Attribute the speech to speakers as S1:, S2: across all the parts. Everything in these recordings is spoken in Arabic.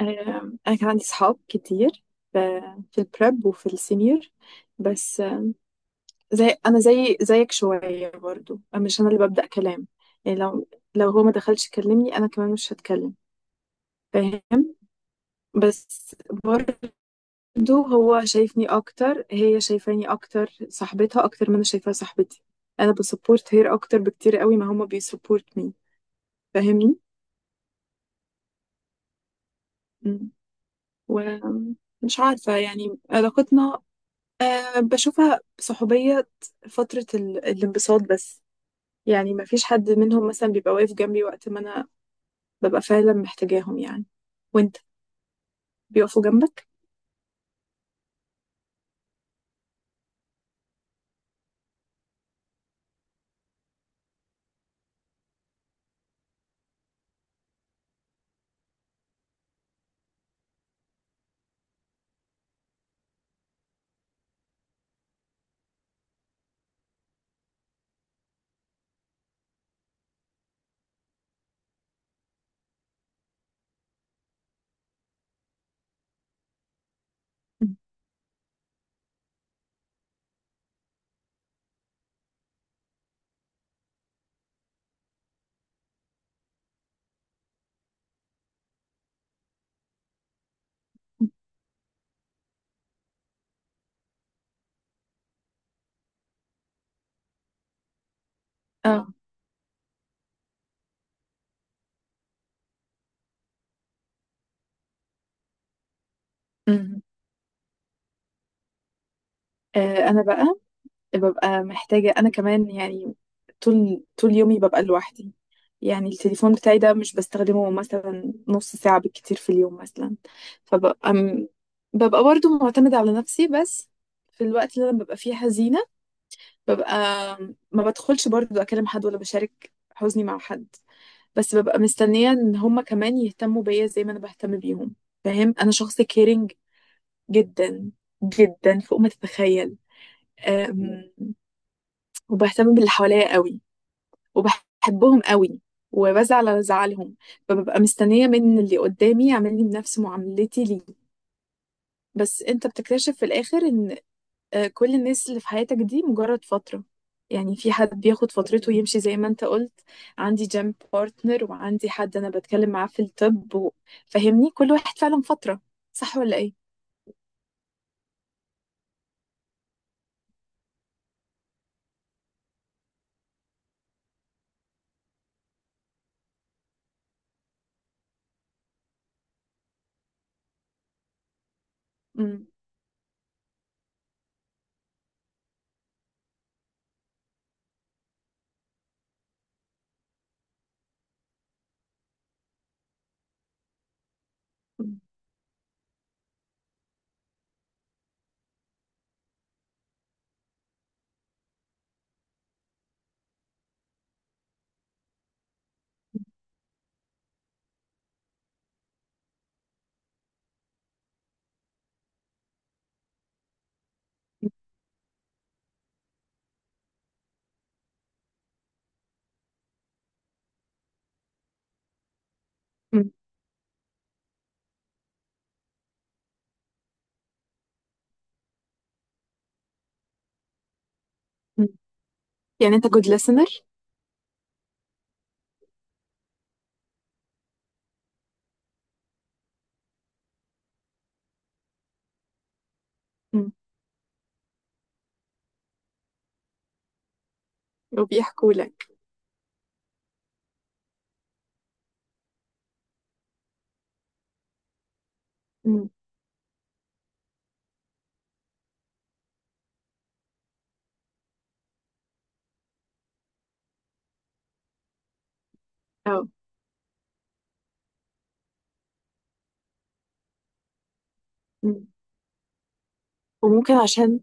S1: أنا كان عندي صحاب كتير في البريب وفي السينيور، بس زي أنا زي زيك شوية برضو. أنا مش أنا اللي ببدأ كلام. يعني لو هو ما دخلش يكلمني أنا كمان مش هتكلم. فاهم؟ بس برضو هو شايفني أكتر، هي شايفاني أكتر، صاحبتها أكتر ما أنا شايفاها صاحبتي. أنا بسبورت هير أكتر بكتير قوي ما هما بيسبورت مي. فاهمني؟ مم. ومش عارفة يعني علاقتنا. أه، بشوفها صحوبية فترة الانبساط بس. يعني ما فيش حد منهم مثلا بيبقى واقف جنبي وقت ما أنا ببقى فعلا محتاجاهم، يعني. وانت بيقفوا جنبك. مم. اه. أمم. انا بقى ببقى محتاجه انا كمان يعني. طول طول يومي ببقى لوحدي. يعني التليفون بتاعي ده مش بستخدمه مثلا نص ساعه بالكتير في اليوم مثلا. فببقى ببقى برضو معتمده على نفسي. بس في الوقت اللي انا ببقى فيه حزينه، ببقى ما بدخلش برضو اكلم حد ولا بشارك حزني مع حد. بس ببقى مستنية ان هما كمان يهتموا بيا زي ما انا بهتم بيهم. فاهم؟ انا شخص كيرنج جدا، جدا فوق ما تتخيل. أم، وبهتم باللي حواليا قوي، وبحبهم قوي، وبزعل على زعلهم. فببقى مستنية من اللي قدامي يعمل لي بنفس معاملتي ليه. بس انت بتكتشف في الاخر ان كل الناس اللي في حياتك دي مجرد فترة. يعني في حد بياخد فترته ويمشي زي ما انت قلت. عندي جيم بارتنر وعندي حد انا بتكلم معاه في الطب فاهمني، كل واحد فعلا فترة. صح ولا ايه؟ مم. مم. مم. مم. يعني انت جود listener. مم. وبيحكوا لك. مم. اه. مم. وممكن عشان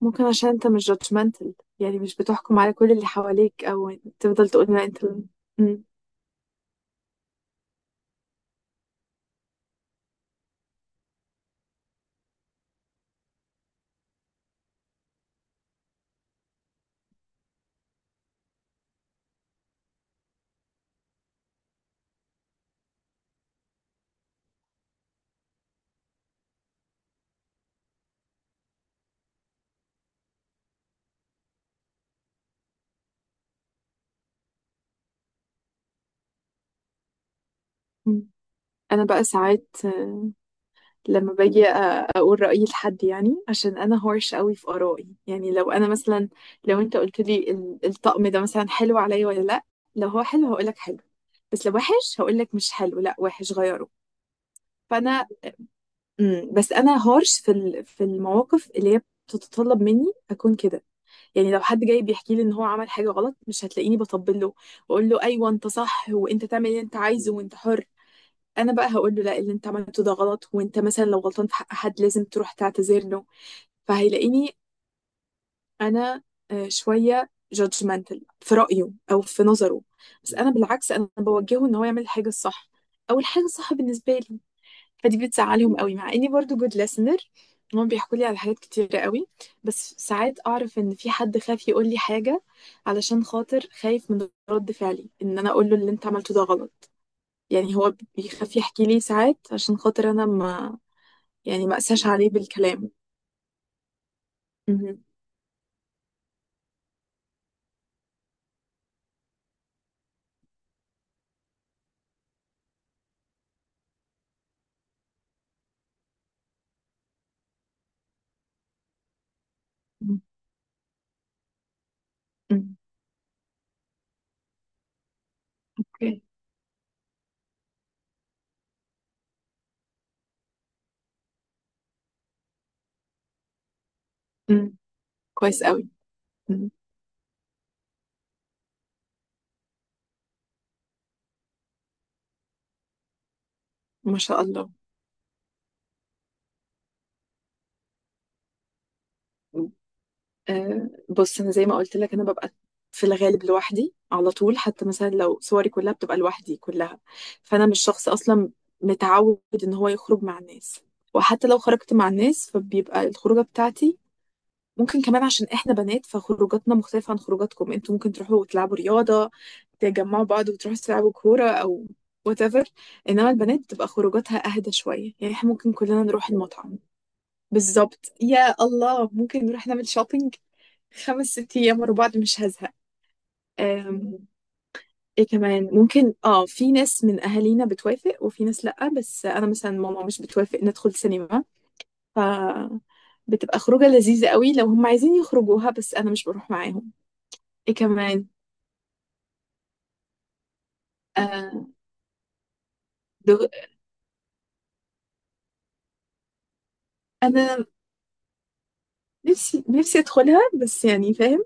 S1: ممكن عشان انت مش judgmental. يعني مش بتحكم على كل اللي حواليك او تفضل تقول لا انت. مم. مم. انا بقى ساعات لما باجي اقول رايي لحد، يعني عشان انا هورش قوي في ارائي. يعني لو انا مثلا لو انت قلت لي الطقم ده مثلا حلو عليا ولا لا، لو هو حلو هقول لك حلو، بس لو وحش هقول لك مش حلو، لا وحش غيره. فانا. مم. بس انا هورش في المواقف اللي هي بتتطلب مني اكون كده. يعني لو حد جاي بيحكي لي ان هو عمل حاجه غلط مش هتلاقيني بطبل له، واقول له ايوه انت صح وانت تعمل اللي انت عايزه وانت حر. انا بقى هقول له لا، اللي انت عملته ده غلط، وانت مثلا لو غلطان في حق حد لازم تروح تعتذر له. فهيلاقيني انا شويه جادجمنتال في رايه او في نظره. بس انا بالعكس انا بوجهه ان هو يعمل الحاجه الصح، او الحاجه الصح بالنسبه لي. فدي بتزعلهم قوي مع اني برضو جود ليسنر. هم بيحكوا لي على حاجات كتيرة قوي. بس ساعات اعرف ان في حد خايف يقول لي حاجه، علشان خاطر خايف من رد فعلي ان انا اقول له اللي انت عملته ده غلط. يعني هو بيخاف يحكي لي ساعات عشان خاطر انا ما، يعني ما اساش عليه بالكلام. مهم. مم. مم. اوكي. مم. كويس قوي. مم. ما شاء الله. مم. آه، بص انا زي ما قلت لك انا ببقى في الغالب لوحدي على طول. حتى مثلا لو صوري كلها بتبقى لوحدي كلها. فانا مش شخص اصلا متعود ان هو يخرج مع الناس. وحتى لو خرجت مع الناس فبيبقى الخروجه بتاعتي ممكن كمان عشان احنا بنات، فخروجاتنا مختلفة عن خروجاتكم. انتوا ممكن تروحوا تلعبوا رياضة، تجمعوا بعض وتروحوا تلعبوا كورة او whatever. انما البنات بتبقى خروجاتها اهدى شوية. يعني احنا ممكن كلنا نروح المطعم. بالظبط، يا الله ممكن نروح نعمل شوبينج 5 6 ايام ورا بعض مش هزهق. أم، ايه كمان ممكن؟ اه، في ناس من اهالينا بتوافق وفي ناس لأ، بس انا مثلا ماما مش بتوافق ندخل سينما. ف بتبقى خروجة لذيذة قوي لو هم عايزين يخرجوها بس انا مش بروح معاهم. ايه كمان؟ آه، دغ... انا نفسي نفسي ادخلها بس، يعني فاهم.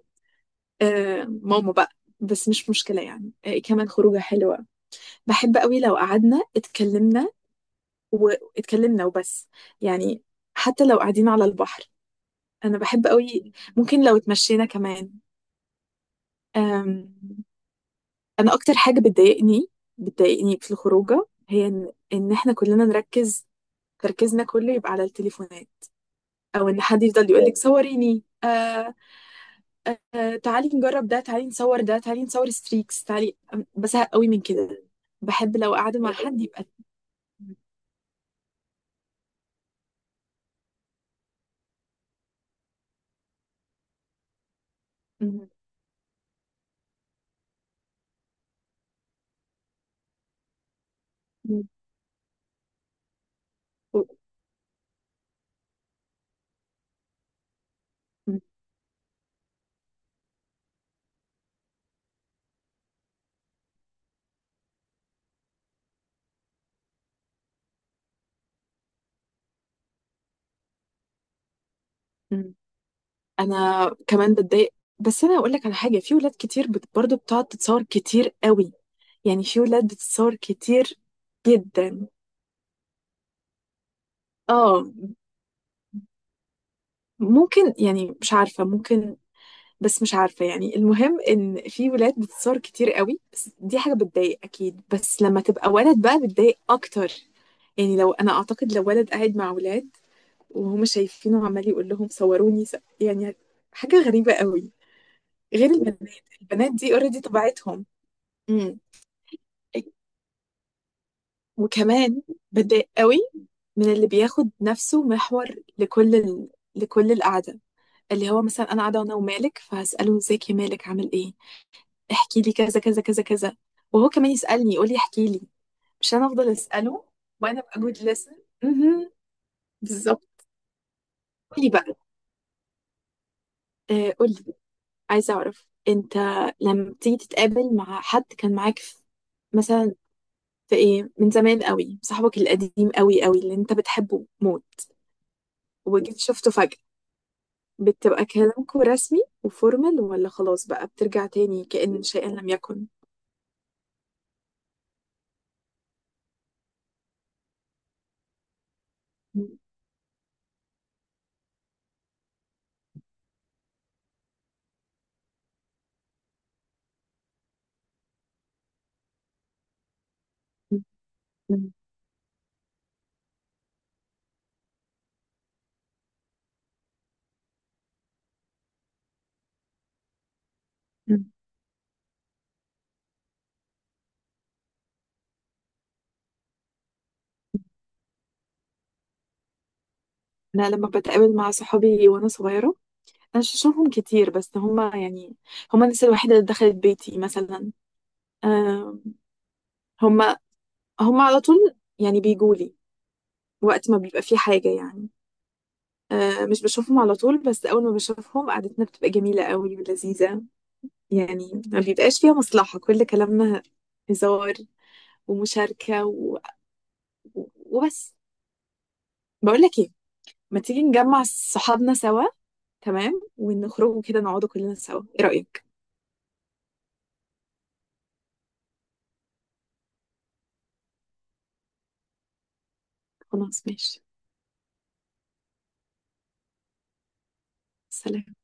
S1: آه، ماما بقى. بس مش مشكلة يعني. ايه كمان خروجة حلوة؟ بحب قوي لو قعدنا اتكلمنا واتكلمنا وبس، يعني حتى لو قاعدين على البحر انا بحب قوي. ممكن لو اتمشينا كمان. آم... انا اكتر حاجة بتضايقني في الخروجة هي ان إن احنا كلنا نركز، تركيزنا كله يبقى على التليفونات، او ان حد يفضل يقول لك صوريني، تعالي نجرب ده، تعالي نصور ده، تعالي نصور ستريكس، تعالي بزهق قوي من كده. بحب لو قاعدة مع حد يبقى. م- م- م- م- انا كمان بتضايق. بس انا هقول لك على حاجة، في ولاد كتير برضو بتقعد تتصور كتير قوي. يعني في ولاد بتتصور كتير جدا. اه ممكن، يعني مش عارفة ممكن. بس مش عارفة، يعني المهم إن في ولاد بتتصور كتير قوي، بس دي حاجة بتضايق أكيد، بس لما تبقى ولد بقى بتضايق أكتر. يعني لو أنا أعتقد لو ولد قاعد مع ولاد وهم شايفينه عمال يقول لهم صوروني يعني حاجة غريبة قوي. غير البنات، البنات دي اوريدي طبيعتهم. امم. وكمان بتضايق قوي من اللي بياخد نفسه محور لكل لكل القعدة. اللي هو مثلا أنا قاعدة أنا ومالك، فهسأله ازيك يا مالك، عامل إيه، احكي لي كذا كذا كذا كذا، وهو كمان يسألني يقول لي احكي لي، مش انا افضل اسأله وانا ابقى جود لسن. بالظبط. قولي بقى. قولي، عايزة اعرف انت لما بتيجي تتقابل مع حد كان معاك في مثلا، في ايه من زمان قوي، صاحبك القديم قوي قوي اللي انت بتحبه موت، وجيت شفته فجأة، بتبقى كلامكوا رسمي وفورمال ولا خلاص بقى بترجع تاني كأن شيئا لم يكن؟ م- م- م- م. انا لما بتقابل مع صحابي وانا صغيرة، انا مش بشوفهم كتير بس هما يعني هما الناس الوحيده اللي دخلت بيتي مثلا. آم، هما هما على طول يعني بيجولي وقت ما بيبقى في حاجه، يعني مش بشوفهم على طول بس اول ما بشوفهم قعدتنا بتبقى جميله قوي ولذيذه. يعني ما بيبقاش فيها مصلحه، كل كلامنا هزار ومشاركه وبس. بقول لك ايه، ما تيجي نجمع صحابنا سوا تمام ونخرجوا كده نقعدوا كلنا سوا، ايه رايك؟ خلاص ماشي. سلام.